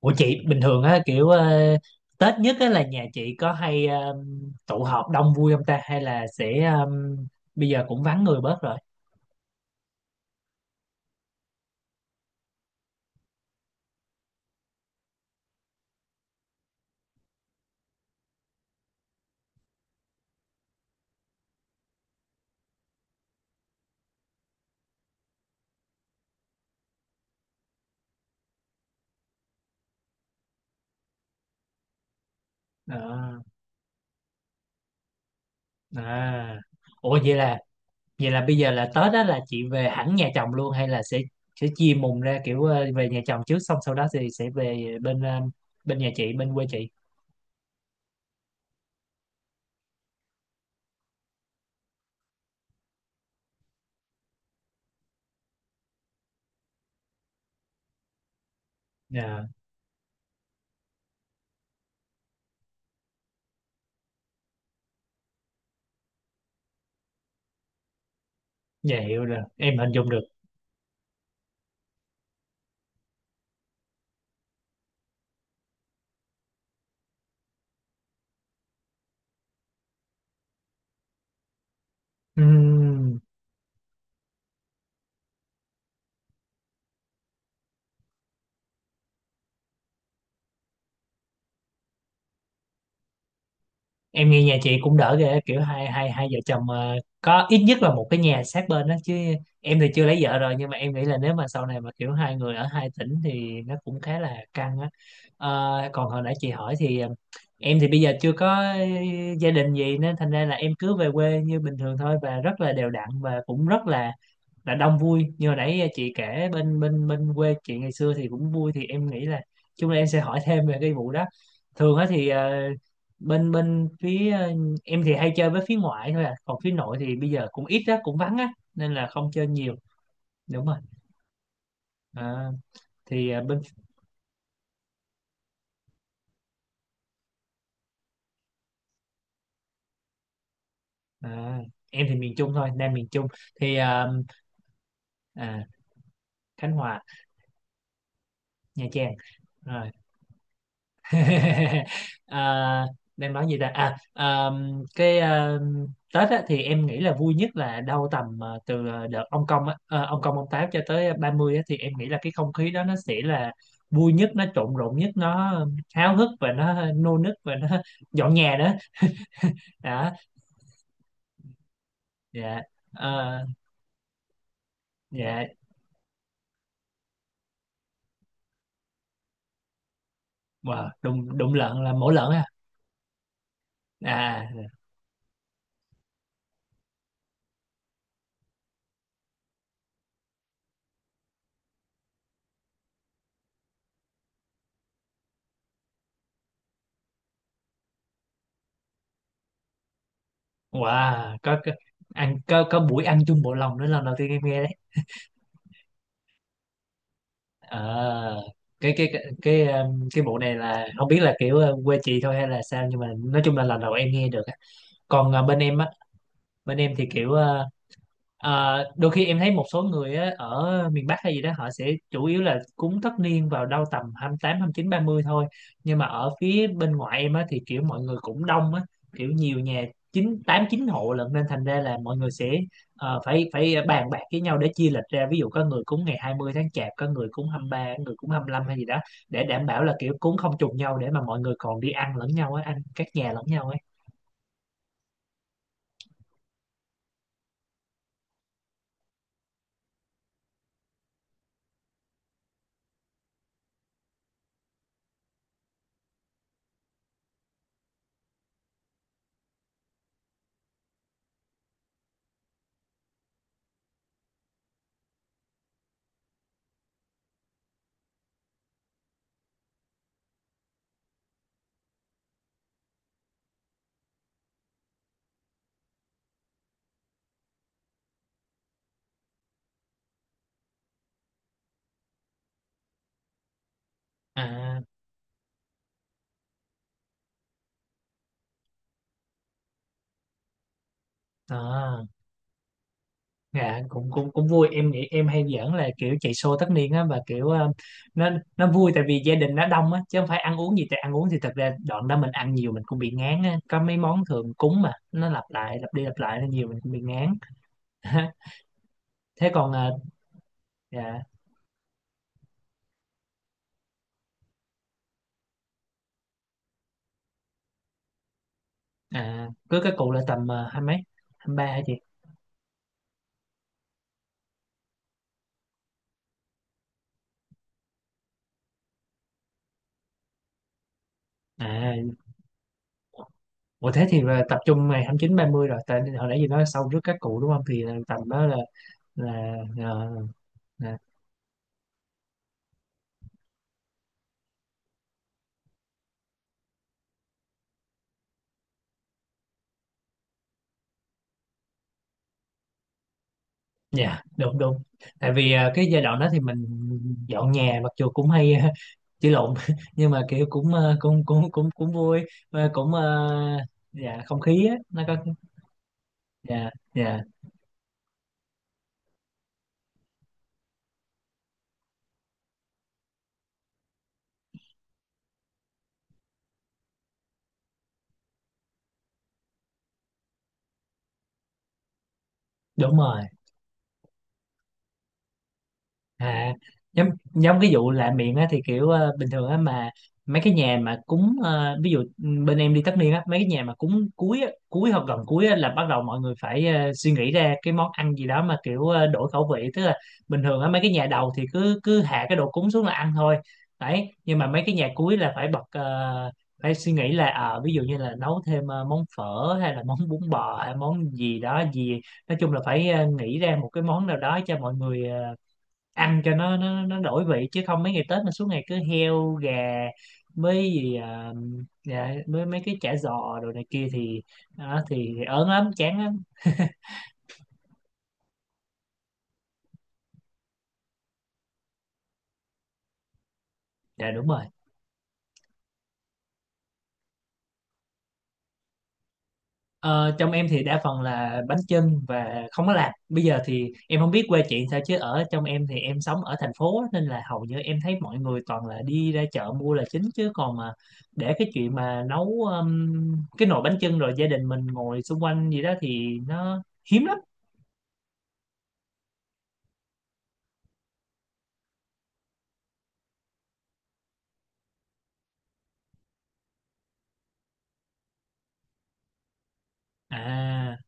Ủa chị bình thường á kiểu Tết nhất á là nhà chị có hay tụ họp đông vui không ta, hay là sẽ bây giờ cũng vắng người bớt rồi. Ờ, à. Ủa vậy là bây giờ là Tết á là chị về hẳn nhà chồng luôn hay là sẽ chia mùng ra kiểu về nhà chồng trước xong sau đó thì sẽ về bên bên nhà chị, bên quê chị. Dạ, dạ hiểu rồi, em hình dung được. Ừm. Em nghe nhà chị cũng đỡ ghê, kiểu hai hai hai vợ chồng có ít nhất là một cái nhà sát bên đó chứ. Em thì chưa lấy vợ rồi nhưng mà em nghĩ là nếu mà sau này mà kiểu hai người ở hai tỉnh thì nó cũng khá là căng á. Ờ, còn hồi nãy chị hỏi thì em thì bây giờ chưa có gia đình gì nên thành ra là em cứ về quê như bình thường thôi, và rất là đều đặn và cũng rất là đông vui. Như hồi nãy chị kể bên bên bên quê chị ngày xưa thì cũng vui, thì em nghĩ là chung là em sẽ hỏi thêm về cái vụ đó. Thường á thì bên bên phía em thì hay chơi với phía ngoại thôi à, còn phía nội thì bây giờ cũng ít á, cũng vắng á nên là không chơi nhiều. Đúng rồi. Ờ, thì bên à, em thì miền Trung thôi, Nam miền Trung thì à, Khánh Hòa, Nha Trang rồi. à, đang nói gì ta. Cái Tết á, thì em nghĩ là vui nhất là đâu tầm từ đợt ông công á, ông công ông táo cho tới 30 á, thì em nghĩ là cái không khí đó nó sẽ là vui nhất, nó trộn rộn nhất, nó háo hức và nó nô nức và nó dọn nhà đó. Đó. Dạ. Ờ, dạ. Wow, đụng đụng lợn là mổ lợn à? À, wow, có ăn, có buổi ăn chung bộ lòng nữa, lần đầu tiên em nghe. Ờ, cái cái vụ này là không biết là kiểu quê chị thôi hay là sao, nhưng mà nói chung là lần đầu em nghe được á. Còn bên em á, bên em thì kiểu đôi khi em thấy một số người á, ở miền Bắc hay gì đó họ sẽ chủ yếu là cúng tất niên vào đâu tầm hai hai tám, 29, 30 thôi. Nhưng mà ở phía bên ngoại em á, thì kiểu mọi người cũng đông á, kiểu nhiều nhà, chín tám chín hộ lận, nên thành ra là mọi người sẽ phải phải bàn bạc với nhau để chia lịch ra. Ví dụ có người cúng ngày 20 tháng Chạp, có người cúng 23, có người cúng 25 hay gì đó, để đảm bảo là kiểu cúng không trùng nhau để mà mọi người còn đi ăn lẫn nhau á, ăn các nhà lẫn nhau ấy. À, à. Dạ cũng cũng cũng vui, em nghĩ em hay giỡn là kiểu chạy show tất niên á, và kiểu nó nó vui tại vì gia đình nó đông á, chứ không phải ăn uống gì, tại ăn uống thì thật ra đoạn đó mình ăn nhiều mình cũng bị ngán á, có mấy món thường cúng mà nó lặp lại, lặp đi lặp lại nên nhiều mình cũng bị ngán. Thế còn à. Dạ. À, cưới các cụ là tầm hai mấy, hai ba hả chị? À, ủa thế thì là tập trung ngày hai mươi chín, ba mươi rồi, tại hồi nãy gì nói sau rước các cụ đúng không thì là tầm đó là. À, dạ đúng đúng, tại vì cái giai đoạn đó thì mình dọn nhà, mặc dù cũng hay chửi lộn nhưng mà kiểu cũng cũng cũng cũng cũng vui. Và cũng dạ không khí á nó có. Dạ. Dạ đúng rồi. À, giống giống cái vụ lạ miệng á thì kiểu bình thường á mà mấy cái nhà mà cúng ví dụ bên em đi tất niên á, mấy cái nhà mà cúng cuối á, cuối hoặc gần cuối á, là bắt đầu mọi người phải suy nghĩ ra cái món ăn gì đó mà kiểu đổi khẩu vị, tức là bình thường á mấy cái nhà đầu thì cứ cứ hạ cái đồ cúng xuống là ăn thôi đấy. Nhưng mà mấy cái nhà cuối là phải bật phải suy nghĩ là ví dụ như là nấu thêm món phở hay là món bún bò hay món gì đó gì, nói chung là phải nghĩ ra một cái món nào đó cho mọi người ăn cho nó nó đổi vị, chứ không mấy ngày Tết mà suốt ngày cứ heo gà với gì dạ, với mấy cái chả giò đồ này kia thì đó, thì ớn lắm, chán lắm. Dạ đúng rồi. Ờ, trong em thì đa phần là bánh chưng và không có làm. Bây giờ thì em không biết quê chị sao chứ ở trong em thì em sống ở thành phố á, nên là hầu như em thấy mọi người toàn là đi ra chợ mua là chính, chứ còn mà để cái chuyện mà nấu cái nồi bánh chưng rồi gia đình mình ngồi xung quanh gì đó thì nó hiếm lắm. À.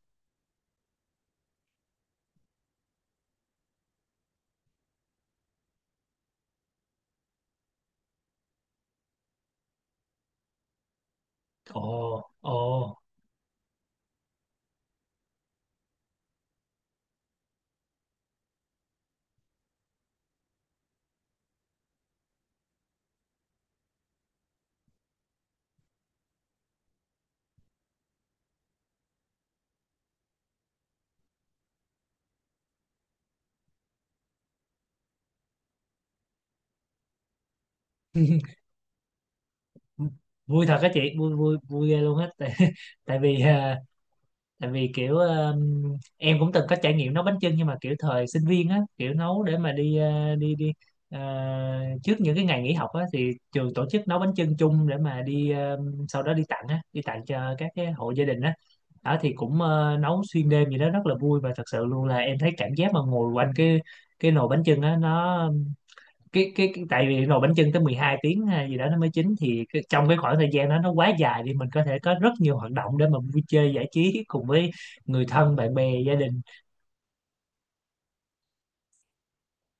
Ồ, ồ, vui thật á chị, vui vui vui ghê luôn á. Tại, tại vì tại vì kiểu em cũng từng có trải nghiệm nấu bánh chưng nhưng mà kiểu thời sinh viên á, kiểu nấu để mà đi đi đi à, trước những cái ngày nghỉ học á, thì trường tổ chức nấu bánh chưng chung để mà đi sau đó đi tặng á, đi tặng cho các cái hộ gia đình á. Đó thì cũng nấu xuyên đêm gì đó rất là vui, và thật sự luôn là em thấy cảm giác mà ngồi quanh cái nồi bánh chưng á nó, cái tại vì nồi bánh chưng tới 12 tiếng hay gì đó nó mới chín, thì cái, trong cái khoảng thời gian đó nó quá dài thì mình có thể có rất nhiều hoạt động để mà vui chơi giải trí cùng với người thân, bạn bè, gia đình.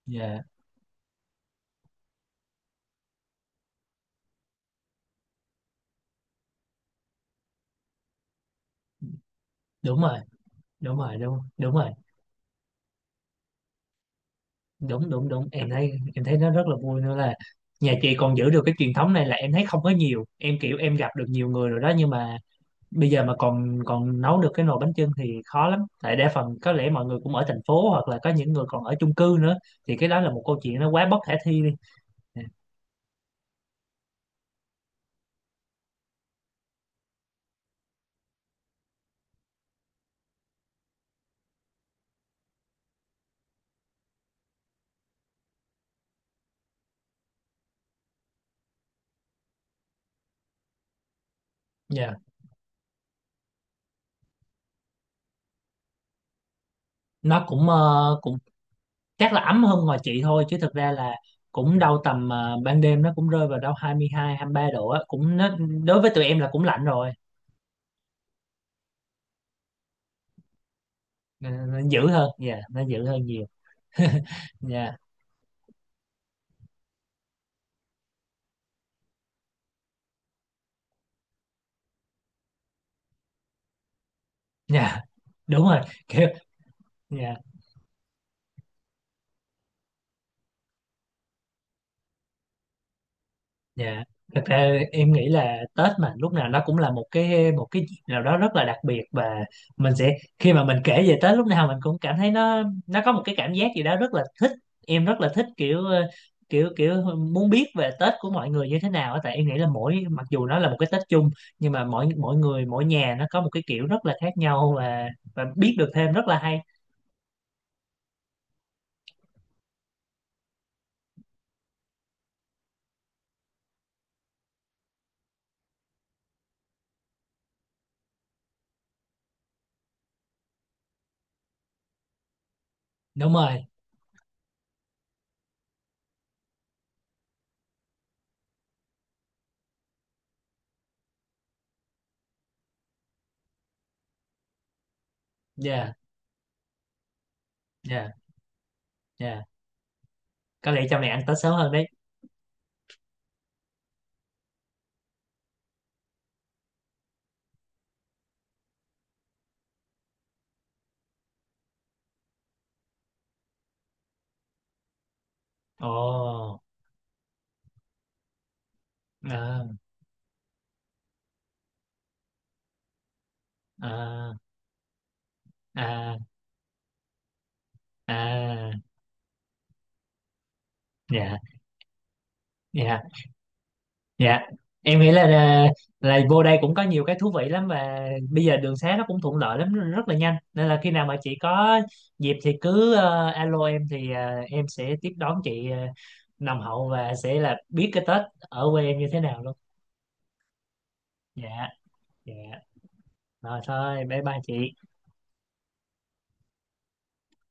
Dạ đúng rồi. Đúng rồi, đúng đúng rồi. Đúng đúng đúng, em thấy nó rất là vui nữa, là nhà chị còn giữ được cái truyền thống này, là em thấy không có nhiều, em kiểu em gặp được nhiều người rồi đó, nhưng mà bây giờ mà còn còn nấu được cái nồi bánh chưng thì khó lắm, tại đa phần có lẽ mọi người cũng ở thành phố hoặc là có những người còn ở chung cư nữa, thì cái đó là một câu chuyện nó quá bất khả thi đi. Dạ. Dạ, nó cũng cũng chắc là ấm hơn ngoài chị thôi, chứ thực ra là cũng đâu tầm ban đêm nó cũng rơi vào đâu hai mươi hai, hai mươi mươi ba độ á, cũng nó đối với tụi em là cũng lạnh rồi. Nó dữ hơn, dạ, nó dữ hơn nhiều. Dạ, dạ. Đúng rồi, kiểu dạ. Dạ, thật ra em nghĩ là Tết mà lúc nào nó cũng là một cái dịp nào đó rất là đặc biệt, và mình sẽ khi mà mình kể về Tết lúc nào mình cũng cảm thấy nó có một cái cảm giác gì đó rất là thích. Em rất là thích kiểu kiểu kiểu muốn biết về Tết của mọi người như thế nào á, tại em nghĩ là mặc dù nó là một cái Tết chung, nhưng mà mỗi mỗi người mỗi nhà nó có một cái kiểu rất là khác nhau, và biết được thêm rất là hay. Đúng rồi. Dạ, dạ, dạ. Có lẽ trong này ăn Tết sớm hơn đấy. Ồ. À, à, à. À, dạ, dạ, dạ. Em nghĩ là vô đây cũng có nhiều cái thú vị lắm, và bây giờ đường xá nó cũng thuận lợi lắm, rất là nhanh. Nên là khi nào mà chị có dịp thì cứ alo em thì em sẽ tiếp đón chị nồng hậu và sẽ là biết cái Tết ở quê em như thế nào luôn. Dạ, dạ. Rồi thôi, bye bye chị.